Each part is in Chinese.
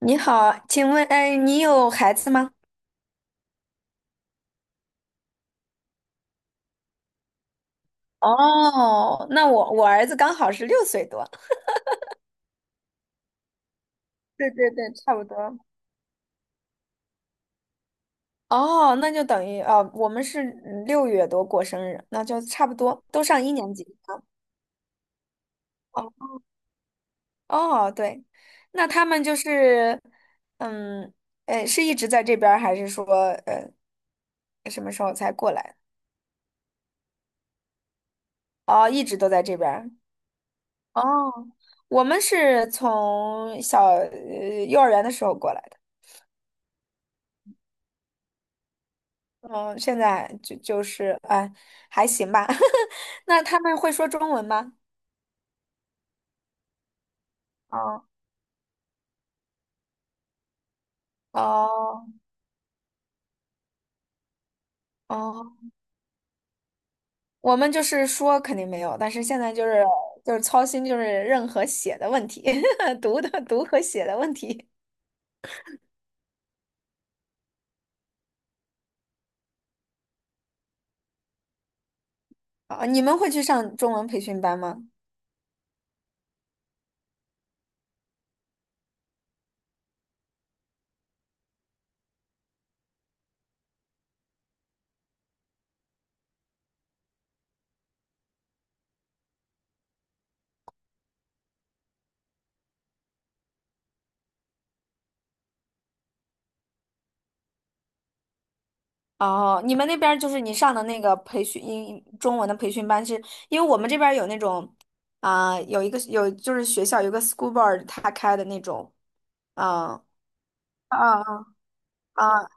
你好，请问，哎，你有孩子吗？哦，那我儿子刚好是六岁多。对对对，差不多。哦，那就等于哦，我们是六月多过生日，那就差不多，都上一年级。哦哦，对，那他们就是，嗯，是一直在这边儿还是说呃什么时候才过来？哦，一直都在这边儿哦，我们是从小幼儿园的时候过来。的。嗯，现在就是，哎，还行吧。那他们会说中文吗？哦哦哦，我们就是说肯定没有，但是现在就是操心就是任何写的问题，读和写的问题。啊，你们会去上中文培训班吗？哦，你们那边儿就是你上的那个培训中文的培训班是，因为我们这边儿有那种有一个有就是学校有个 school board 他开的那种，啊啊啊啊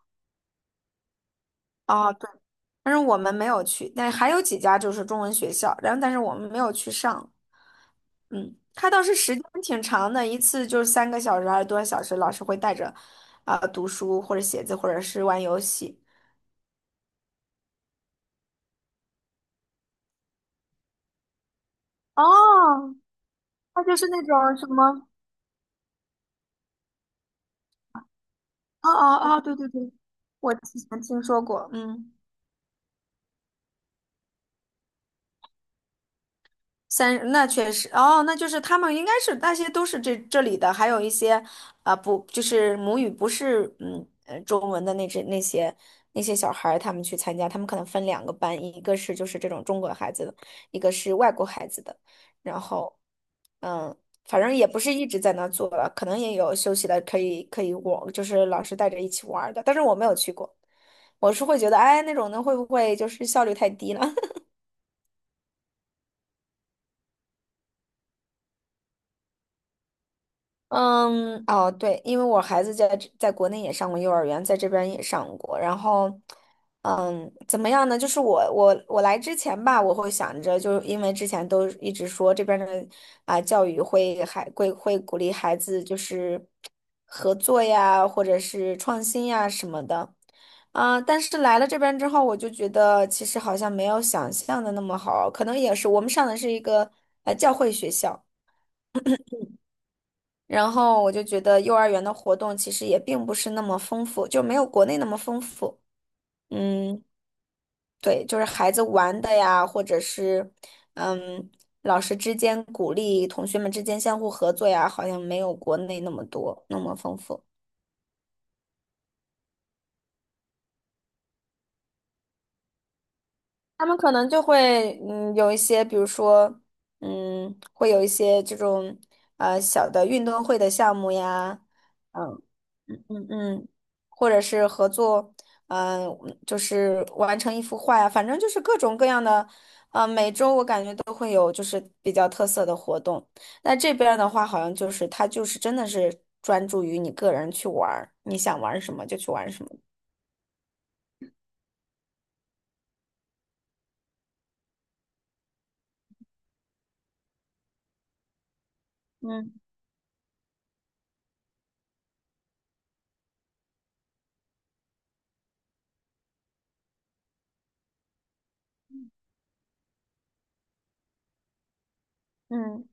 哦，对，但是我们没有去，但还有几家就是中文学校，然后但是我们没有去上。嗯，它倒是时间挺长的，一次就是三个小时还是多少小时，老师会带着，读书或者写字或者是玩游戏。哦，它就是那种什么，哦哦哦，对对对，我之前听说过，嗯。那确实，哦，那就是他们应该是那些都是这里的，还有一些不就是母语不是中文的那些小孩儿他们去参加，他们可能分两个班，一个是就是这种中国孩子的，一个是外国孩子的，然后嗯，反正也不是一直在那做了，可能也有休息的，可以可以我就是老师带着一起玩儿的，但是我没有去过，我是会觉得哎那种的会不会就是效率太低了？嗯，哦，对，因为我孩子在国内也上过幼儿园，在这边也上过。然后，嗯，怎么样呢？就是我来之前吧，我会想着，就是因为之前都一直说这边的教育会还会会鼓励孩子就是合作呀，或者是创新呀什么的。但是来了这边之后，我就觉得其实好像没有想象的那么好，可能也是我们上的是一个教会学校。然后我就觉得幼儿园的活动其实也并不是那么丰富，就没有国内那么丰富。嗯，对，就是孩子玩的呀，或者是嗯，老师之间鼓励同学们之间相互合作呀，好像没有国内那么多，那么丰富。他们可能就会有一些，比如说会有一些这种小的运动会的项目呀，嗯嗯嗯嗯，或者是合作，嗯、就是完成一幅画呀，反正就是各种各样的，每周我感觉都会有就是比较特色的活动。那这边儿的话，好像就是它就是真的是专注于你个人去玩儿，你想玩儿什么就去玩儿什么。嗯嗯。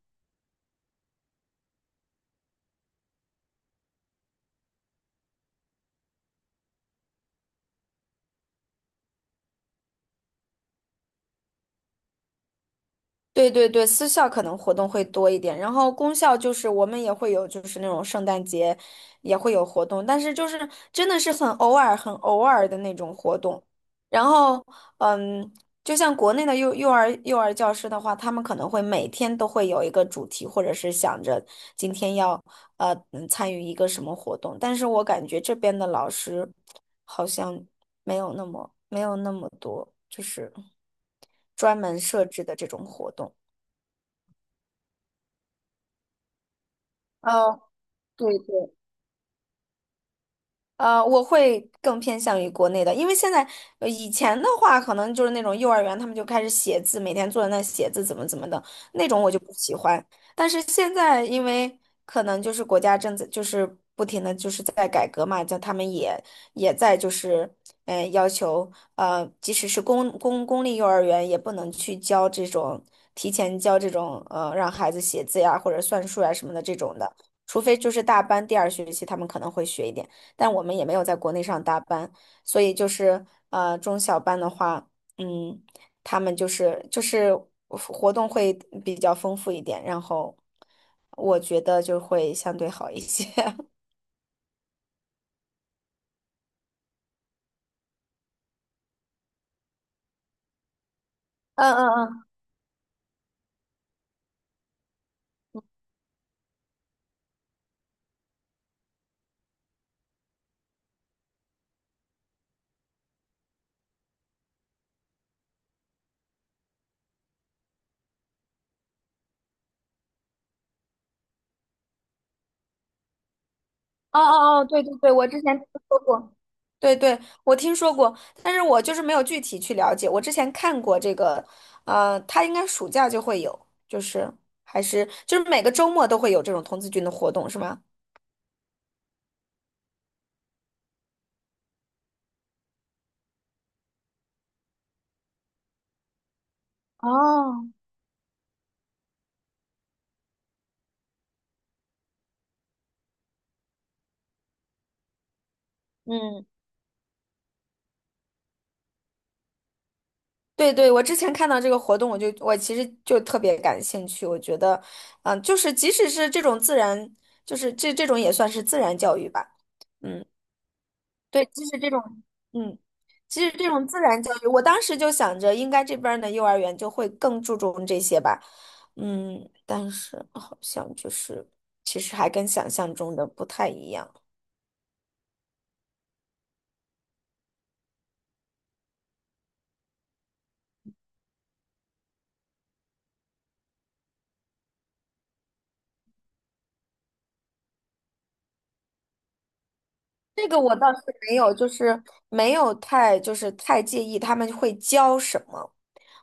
对对对，私校可能活动会多一点，然后公校就是我们也会有，就是那种圣诞节也会有活动，但是就是真的是很偶尔、很偶尔的那种活动。然后，嗯，就像国内的幼儿教师的话，他们可能会每天都会有一个主题，或者是想着今天要参与一个什么活动，但是我感觉这边的老师好像没有那么多，就是专门设置的这种活动。哦，对对，我会更偏向于国内的，因为现在以前的话，可能就是那种幼儿园他们就开始写字，每天坐在那写字怎么怎么的那种，我就不喜欢。但是现在，因为可能就是国家正在就是不停的就是在改革嘛，叫他们也在就是要求即使是公立幼儿园也不能去教提前教这种让孩子写字呀或者算术呀什么的这种的，除非就是大班第二学期他们可能会学一点。但我们也没有在国内上大班，所以就是中小班的话，嗯，他们就是活动会比较丰富一点，然后我觉得就会相对好一些。嗯嗯嗯，哦哦哦，对对对，我之前听说过。对对，我听说过，但是我就是没有具体去了解。我之前看过这个，他应该暑假就会有，就是还是就是每个周末都会有这种童子军的活动，是吗？哦，嗯，对对，我之前看到这个活动，我其实就特别感兴趣。我觉得，就是即使是这种自然，就是这种也算是自然教育吧。嗯，对，即使这种，嗯，其实这种自然教育，我当时就想着，应该这边儿的幼儿园就会更注重这些吧。嗯，但是好像就是，其实还跟想象中的不太一样。这个我倒是没有，就是没有太就是太介意他们会教什么。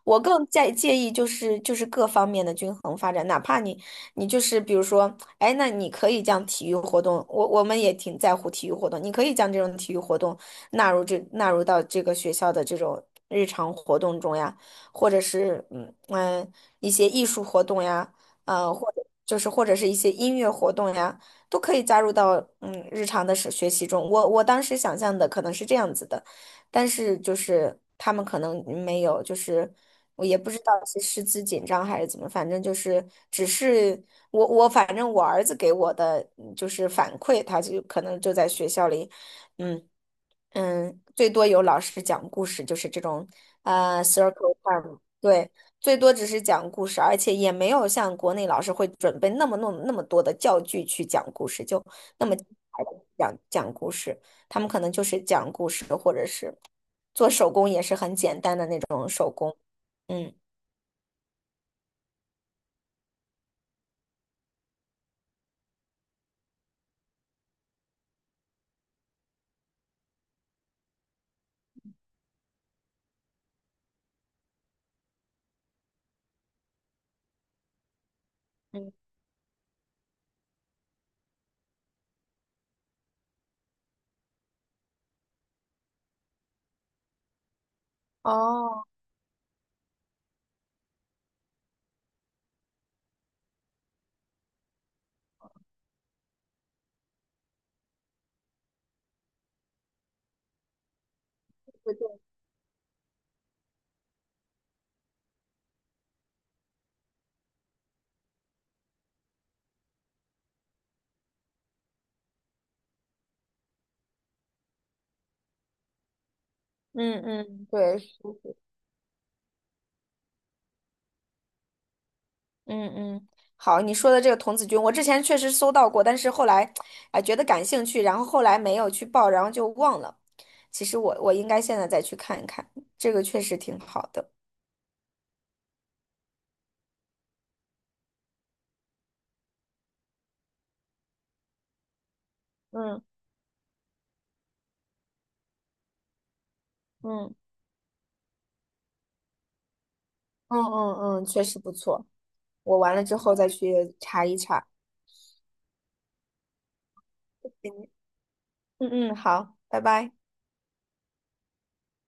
我更在介意就是各方面的均衡发展，哪怕你就是比如说，哎，那你可以将体育活动，我们也挺在乎体育活动，你可以将这种体育活动纳入到这个学校的这种日常活动中呀，或者是一些艺术活动呀，或者是一些音乐活动呀。都可以加入到日常的是学习中。我当时想象的可能是这样子的，但是就是他们可能没有，就是我也不知道是师资紧张还是怎么，反正就是只是我我反正我儿子给我的就是反馈，他就可能就在学校里，嗯。嗯，最多有老师讲故事，就是这种circle time,对，最多只是讲故事，而且也没有像国内老师会准备那么那么那么多的教具去讲故事，就那么精彩地讲讲故事，他们可能就是讲故事，或者是做手工也是很简单的那种，嗯嗯，哦，对对，嗯嗯，对，是嗯嗯，好，你说的这个童子军，我之前确实搜到过，但是后来，哎，觉得感兴趣，然后后来没有去报，然后就忘了。其实我应该现在再去看一看，这个确实挺好的。嗯嗯嗯嗯嗯，确实不错。我完了之后再去查一查。嗯嗯，好，拜拜。